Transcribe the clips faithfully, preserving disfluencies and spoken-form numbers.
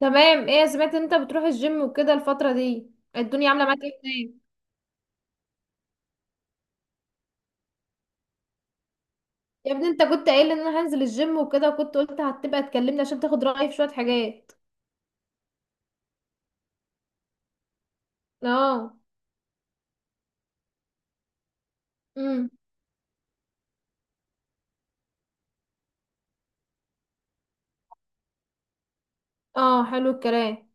تمام، ايه سمعت ان انت بتروح الجيم وكده الفترة دي الدنيا عاملة معاك ايه هناك؟ يا ابني، انت كنت قايل ان انا هنزل الجيم وكده وكنت قلت هتبقى تكلمني عشان تاخد رأيي في شوية حاجات. اه. امم. اه، حلو الكلام.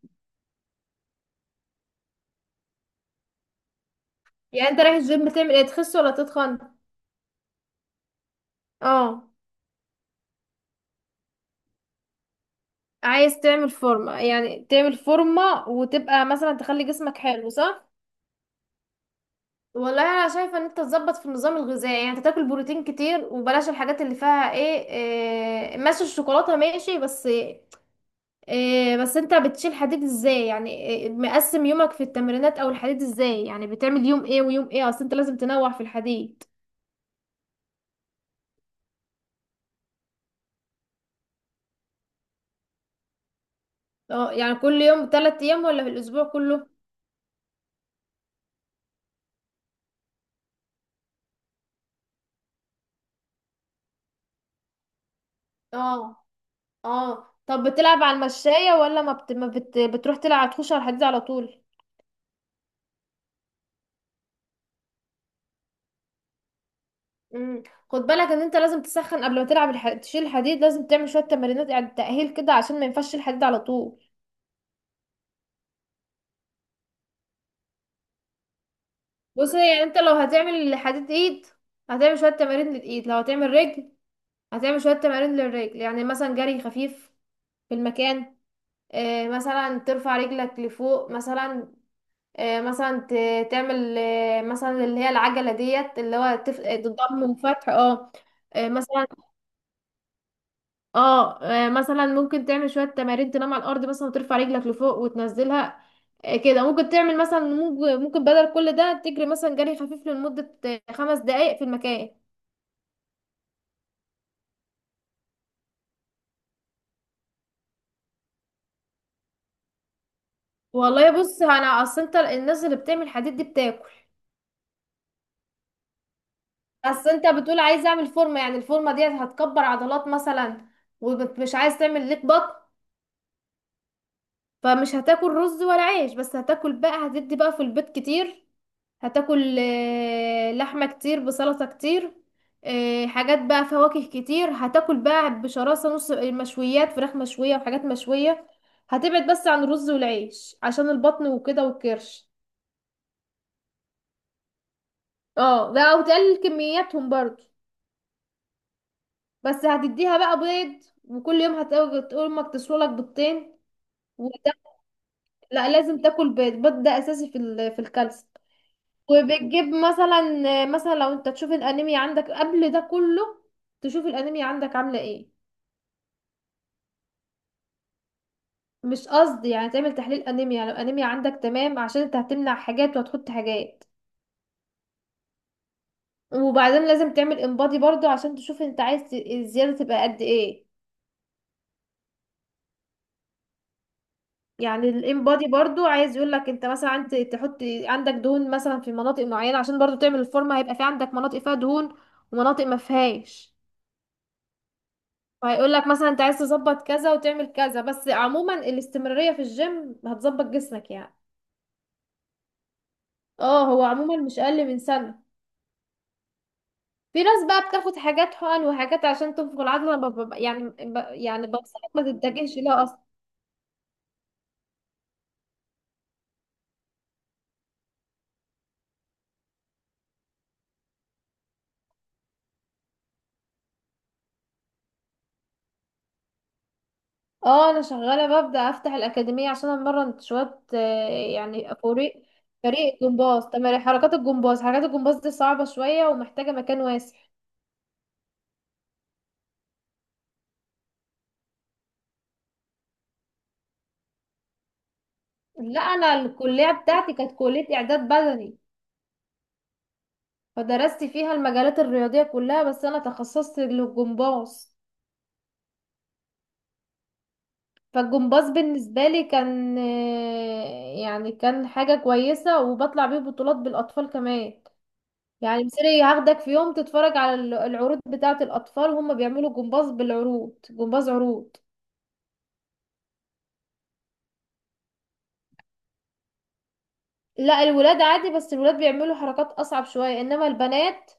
يعني انت رايح الجيم تعمل ايه، تخس ولا تتخن؟ اه. عايز تعمل فورمة يعني تعمل فورمة وتبقى مثلا تخلي جسمك حلو صح؟ والله انا شايفه ان انت تظبط في النظام الغذائي، يعني انت تاكل بروتين كتير وبلاش الحاجات اللي فيها ايه، إيه ماشي، الشوكولاته ماشي بس. إيه، بس انت بتشيل حديد ازاي؟ يعني إيه مقسم يومك في التمرينات او الحديد ازاي؟ يعني بتعمل يوم ايه ويوم ايه؟ اصل انت لازم تنوع في الحديد. اه، يعني كل يوم، تلات ايام ولا في الاسبوع كله؟ اه. اه، طب بتلعب على المشاية ولا ما, بت... ما بت... بتروح تلعب تخش على الحديد على طول؟ امم. خد بالك ان انت لازم تسخن قبل ما تلعب الح... تشيل الحديد، لازم تعمل شوية تمرينات يعني تأهيل كده عشان ما ينفعش تشيل الحديد على طول. بص، يعني انت لو هتعمل حديد ايد هتعمل شوية تمارين للايد، لو هتعمل رجل هتعمل شوية تمارين للرجل، يعني مثلا جري خفيف في المكان. آه، مثلا ترفع رجلك لفوق مثلا. آه، مثلا ت- تعمل، آه، مثلا اللي هي العجلة ديت اللي هو تف... الضم وفتح. اه. آه، مثلا. اه، آه، مثلا ممكن تعمل شوية تمارين، تنام على الأرض مثلا وترفع رجلك لفوق وتنزلها. آه، كده ممكن تعمل مثلا، ممكن ممكن بدل كل ده تجري مثلا جري خفيف لمدة آه، خمس دقايق في المكان. والله بص، انا اصل انت الناس اللي بتعمل حديد دي بتاكل. بس انت بتقول عايز اعمل فورمه، يعني الفورمه دي هتكبر عضلات مثلا، ومش عايز تعمل ليك بطن. فمش هتاكل رز ولا عيش، بس هتاكل بقى، هتدي بقى في البيت كتير، هتاكل آه، لحمه كتير بسلطه كتير. آه، حاجات بقى، فواكه كتير هتاكل بقى بشراسه، نص مشويات، فراخ مشويه وحاجات مشويه. هتبعد بس عن الرز والعيش عشان البطن وكده والكرش. اه، ده او تقلل كمياتهم برضو. بس هتديها بقى بيض، وكل يوم هتقول تقول امك تسوي لك بيضتين. وده، لا لازم تاكل بيض، البيض ده اساسي في ال... في الكالسيوم. وبتجيب مثلا مثلا لو انت تشوف الانيميا عندك قبل ده كله، تشوف الانيميا عندك عامله ايه. مش قصدي، يعني تعمل تحليل انيميا لو انيميا عندك تمام، عشان انت هتمنع حاجات وهتحط حاجات. وبعدين لازم تعمل انبادي برضو عشان تشوف انت عايز الزياده تبقى قد ايه. يعني الام بادي برضو عايز يقول لك انت مثلا، انت تحط عندك دهون مثلا في مناطق معينه، عشان برضو تعمل الفورمه هيبقى في عندك مناطق فيها دهون ومناطق ما فيهاش. فهيقول لك مثلا انت عايز تظبط كذا وتعمل كذا، بس عموما الاستمراريه في الجيم هتظبط جسمك يعني. اه، هو عموما مش اقل من سنه. في ناس بقى بتاخد حاجات حقن وحاجات عشان تنفخ العضله، انا بب- بب- يعني ب... يعني بنصحك ما تتجهش لها. اه، انا شغاله ببدا افتح الاكاديميه عشان امرن شويه. آه، يعني فريق فريق جمباز، تمارين حركات الجمباز. حركات الجمباز دي صعبه شويه ومحتاجه مكان واسع. لا، انا الكليه بتاعتي كانت كليه اعداد بدني. فدرست فيها المجالات الرياضيه كلها، بس انا تخصصت للجمباز. فالجمباز بالنسبه لي كان آه، يعني كان حاجه كويسه، وبطلع بيه بطولات بالاطفال كمان. يعني مصري هاخدك في يوم تتفرج على ال- العروض بتاعة الأطفال وهم بيعملوا جمباز، بالعروض جمباز عروض. لا، الولاد عادي، بس الولاد بيعملوا حركات أصعب شوية، إنما البنات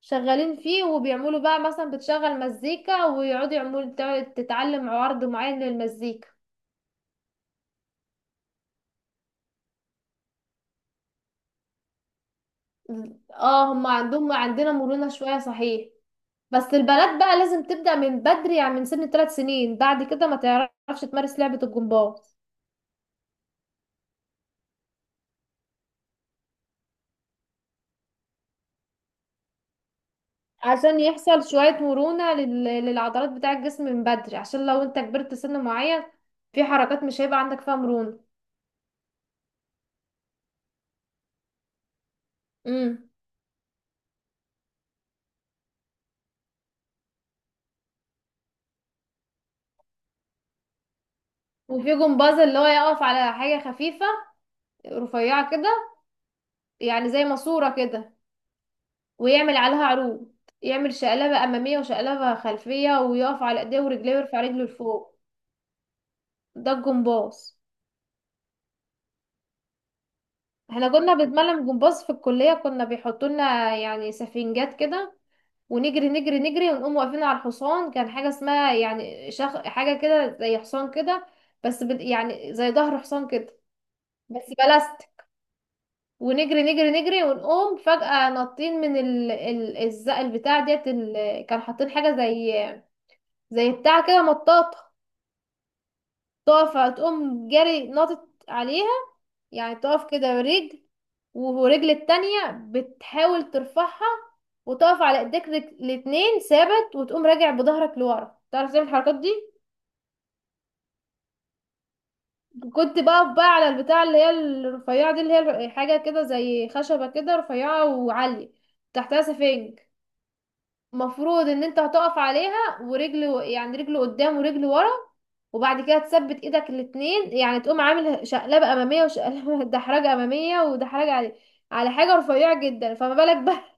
شغالين فيه، وبيعملوا بقى مثلا بتشغل مزيكا ويقعدوا يعملوا، تع- تتعلم عرض معين للمزيكا. اه، هم عندهم عندنا مرونة شوية صحيح. بس البنات بقى لازم تبدأ من بدري، يعني من سن ثلاث سنين، بعد كده ما تعرفش تمارس لعبة الجمباز. عشان يحصل شوية مرونة لل- للعضلات بتاع الجسم من بدري، عشان لو انت كبرت سن معين، في حركات مش هيبقى عندك فيها مرونة. امم. وفي جمباز اللي هو يقف على حاجة خفيفة رفيعة كده، يعني زي ماسورة كده، ويعمل عليها عروض. يعمل شقلبة أمامية وشقلبة خلفية، ويقف على إيديه ورجليه ويرفع رجله لفوق. ده الجمباز. احنا كنا بنتمرن جمباز في الكلية، كنا بيحطولنا يعني سفنجات كده، ونجري نجري نجري ونقوم واقفين على الحصان. كان حاجة اسمها يعني شخ... حاجة كده زي حصان كده. بس بد... يعني زي ظهر حصان كده. بس بلاست. ونجري نجري نجري ونقوم فجأة نطين من ال... ال... الز- البتاع ديت، ال... كان حاطين حاجة زي زي بتاع كده مطاطة طافة، تقوم جري ناطط عليها. يعني تقف كده برجل، ورجل التانية بتحاول ترفعها، وتقف على ايديك رج- الاتنين ثابت، وتقوم راجع بظهرك لورا. تعرف تعمل الحركات دي؟ كنت بقف بقى على البتاع اللي هي الرفيعة دي، اللي هي حاجة كده زي خشبة كده رفيعة وعالية، تحتها سفنج. مفروض ان انت هتقف عليها ورجل، يعني رجل قدام ورجل ورا، وبعد كده تثبت ايدك الاتنين، يعني تقوم عامل شقلبة امامية وشقلبة دحرجة امامية، ودحرجة على على حاجة رفيعة جدا، فما بالك بقى.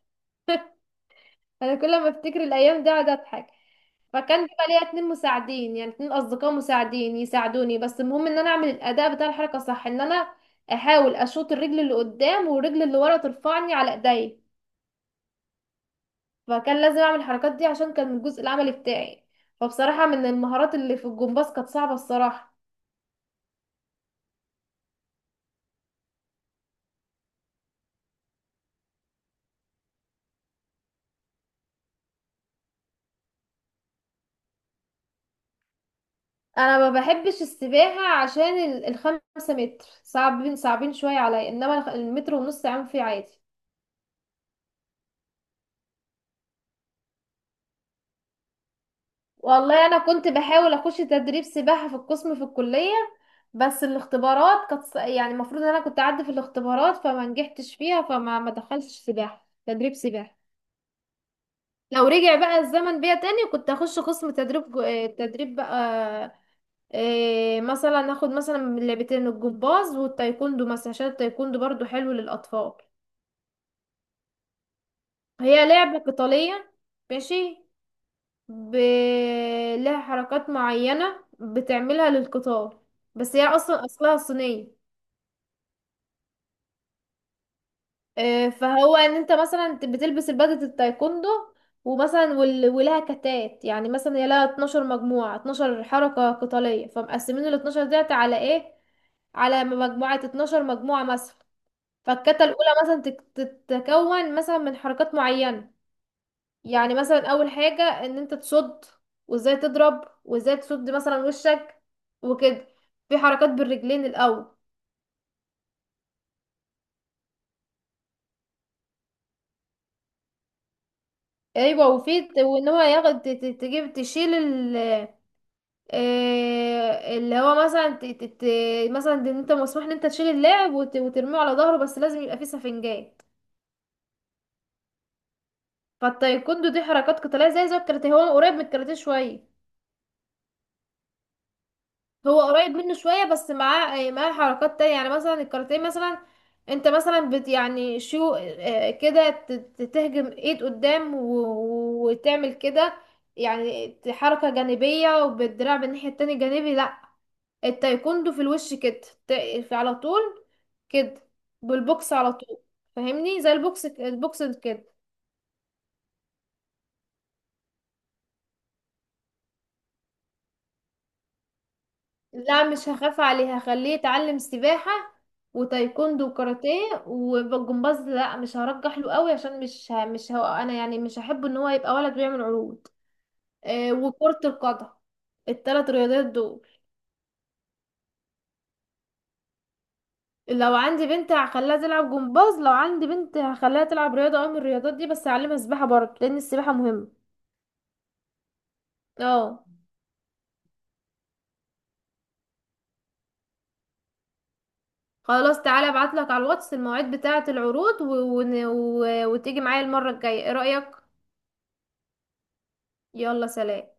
انا كل ما افتكر الايام دي اقعد اضحك. فكان بيبقى ليا اتنين مساعدين، يعني اتنين اصدقاء مساعدين يساعدوني، بس المهم ان انا اعمل الاداء بتاع الحركة صح، ان انا احاول اشوط الرجل اللي قدام، والرجل اللي ورا ترفعني على ايديا. فكان لازم اعمل الحركات دي عشان كان من الجزء العملي بتاعي. فبصراحة، من المهارات اللي في الجمباز كانت صعبة الصراحة. انا ما بحبش السباحة، عشان ال- الخمسة متر صعبين صعبين شوية عليا، انما الخ- المتر ونص عام فيه عادي. والله انا كنت بحاول اخش تدريب سباحة في القسم في الكلية، بس الاختبارات كانت ص- يعني المفروض ان انا كنت اعدي في الاختبارات، فما نجحتش فيها، فما ما دخلتش سباحة، تدريب سباحة. لو رجع بقى الزمن بيا تاني، كنت اخش قسم تدريب جو- آه، تدريب بقى. إيه، مثلا اخد مثلا من لعبتين، الجمباز والتايكوندو مثلا، عشان التايكوندو برضو حلو للاطفال. هي لعبة قتالية. ماشي. ب... لها حركات معينة بتعملها للقتال. بس هي اصلا اصلها صينية. إيه، فهو ان انت مثلا ت- بتلبس البدلة التايكوندو. ومثلا وال... ولها كتات، يعني مثلا هي لها اتناشر مجموعة، اتناشر حركة قتالية، فمقسمين ال الاتناشر ديت على ايه، على مجموعة اتناشر مجموعة مثلا. فالكتة الأولى مثلا تك- تتكون مثلا من حركات معينة. يعني مثلا أول حاجة إن أنت تصد، وإزاي تضرب وإزاي تصد مثلا وشك، وكده. في حركات بالرجلين الأول. أيوة، وفي وإن هو ياخد ت- ت- تجيب تشيل ال، آه، اللي هو مثلا ت- ت- ت- مثلا إن أنت مسموح إن أنت تشيل اللاعب وت- وترميه على ظهره، بس لازم يبقى فيه سفنجات. فالتايكوندو دي حركات قتالية، زي زي الكاراتيه، هو قريب من الكاراتيه شوية. هو قريب منه شوية، بس معاه آه، معاه حركات تانية، يعني مثلا الكاراتيه مثلا. انت مثلا بت يعني شو آه، كده ت- ت- تهجم ايد قدام و- و- وتعمل كده، يعني حركة جانبية وبالدراع بالناحية التانية، جانبي لا. التايكوندو في الوش كده ت- في على طول كده، بالبوكس على طول. فاهمني زي البوكس، البوكس كده. لا، مش هخاف عليه، هخليه يتعلم سباحة وتايكوندو وكاراتيه والجمباز، لا مش هرجح له قوي عشان مش ه... مش هو، انا يعني مش هحب ان هو يبقى ولد بيعمل عروض. آه، وكرة القدم، التلات رياضات دول. لو عندي بنت هخليها تلعب جمباز، لو عندي بنت هخليها تلعب رياضة او من الرياضات دي، بس هعلمها سباحة برضه لان السباحة مهمة. اه. خلاص، تعالى ابعتلك على الواتس المواعيد بتاعة العروض و... و... و... وتيجي معايا المرة الجاية، ايه رأيك؟ يلا سلام.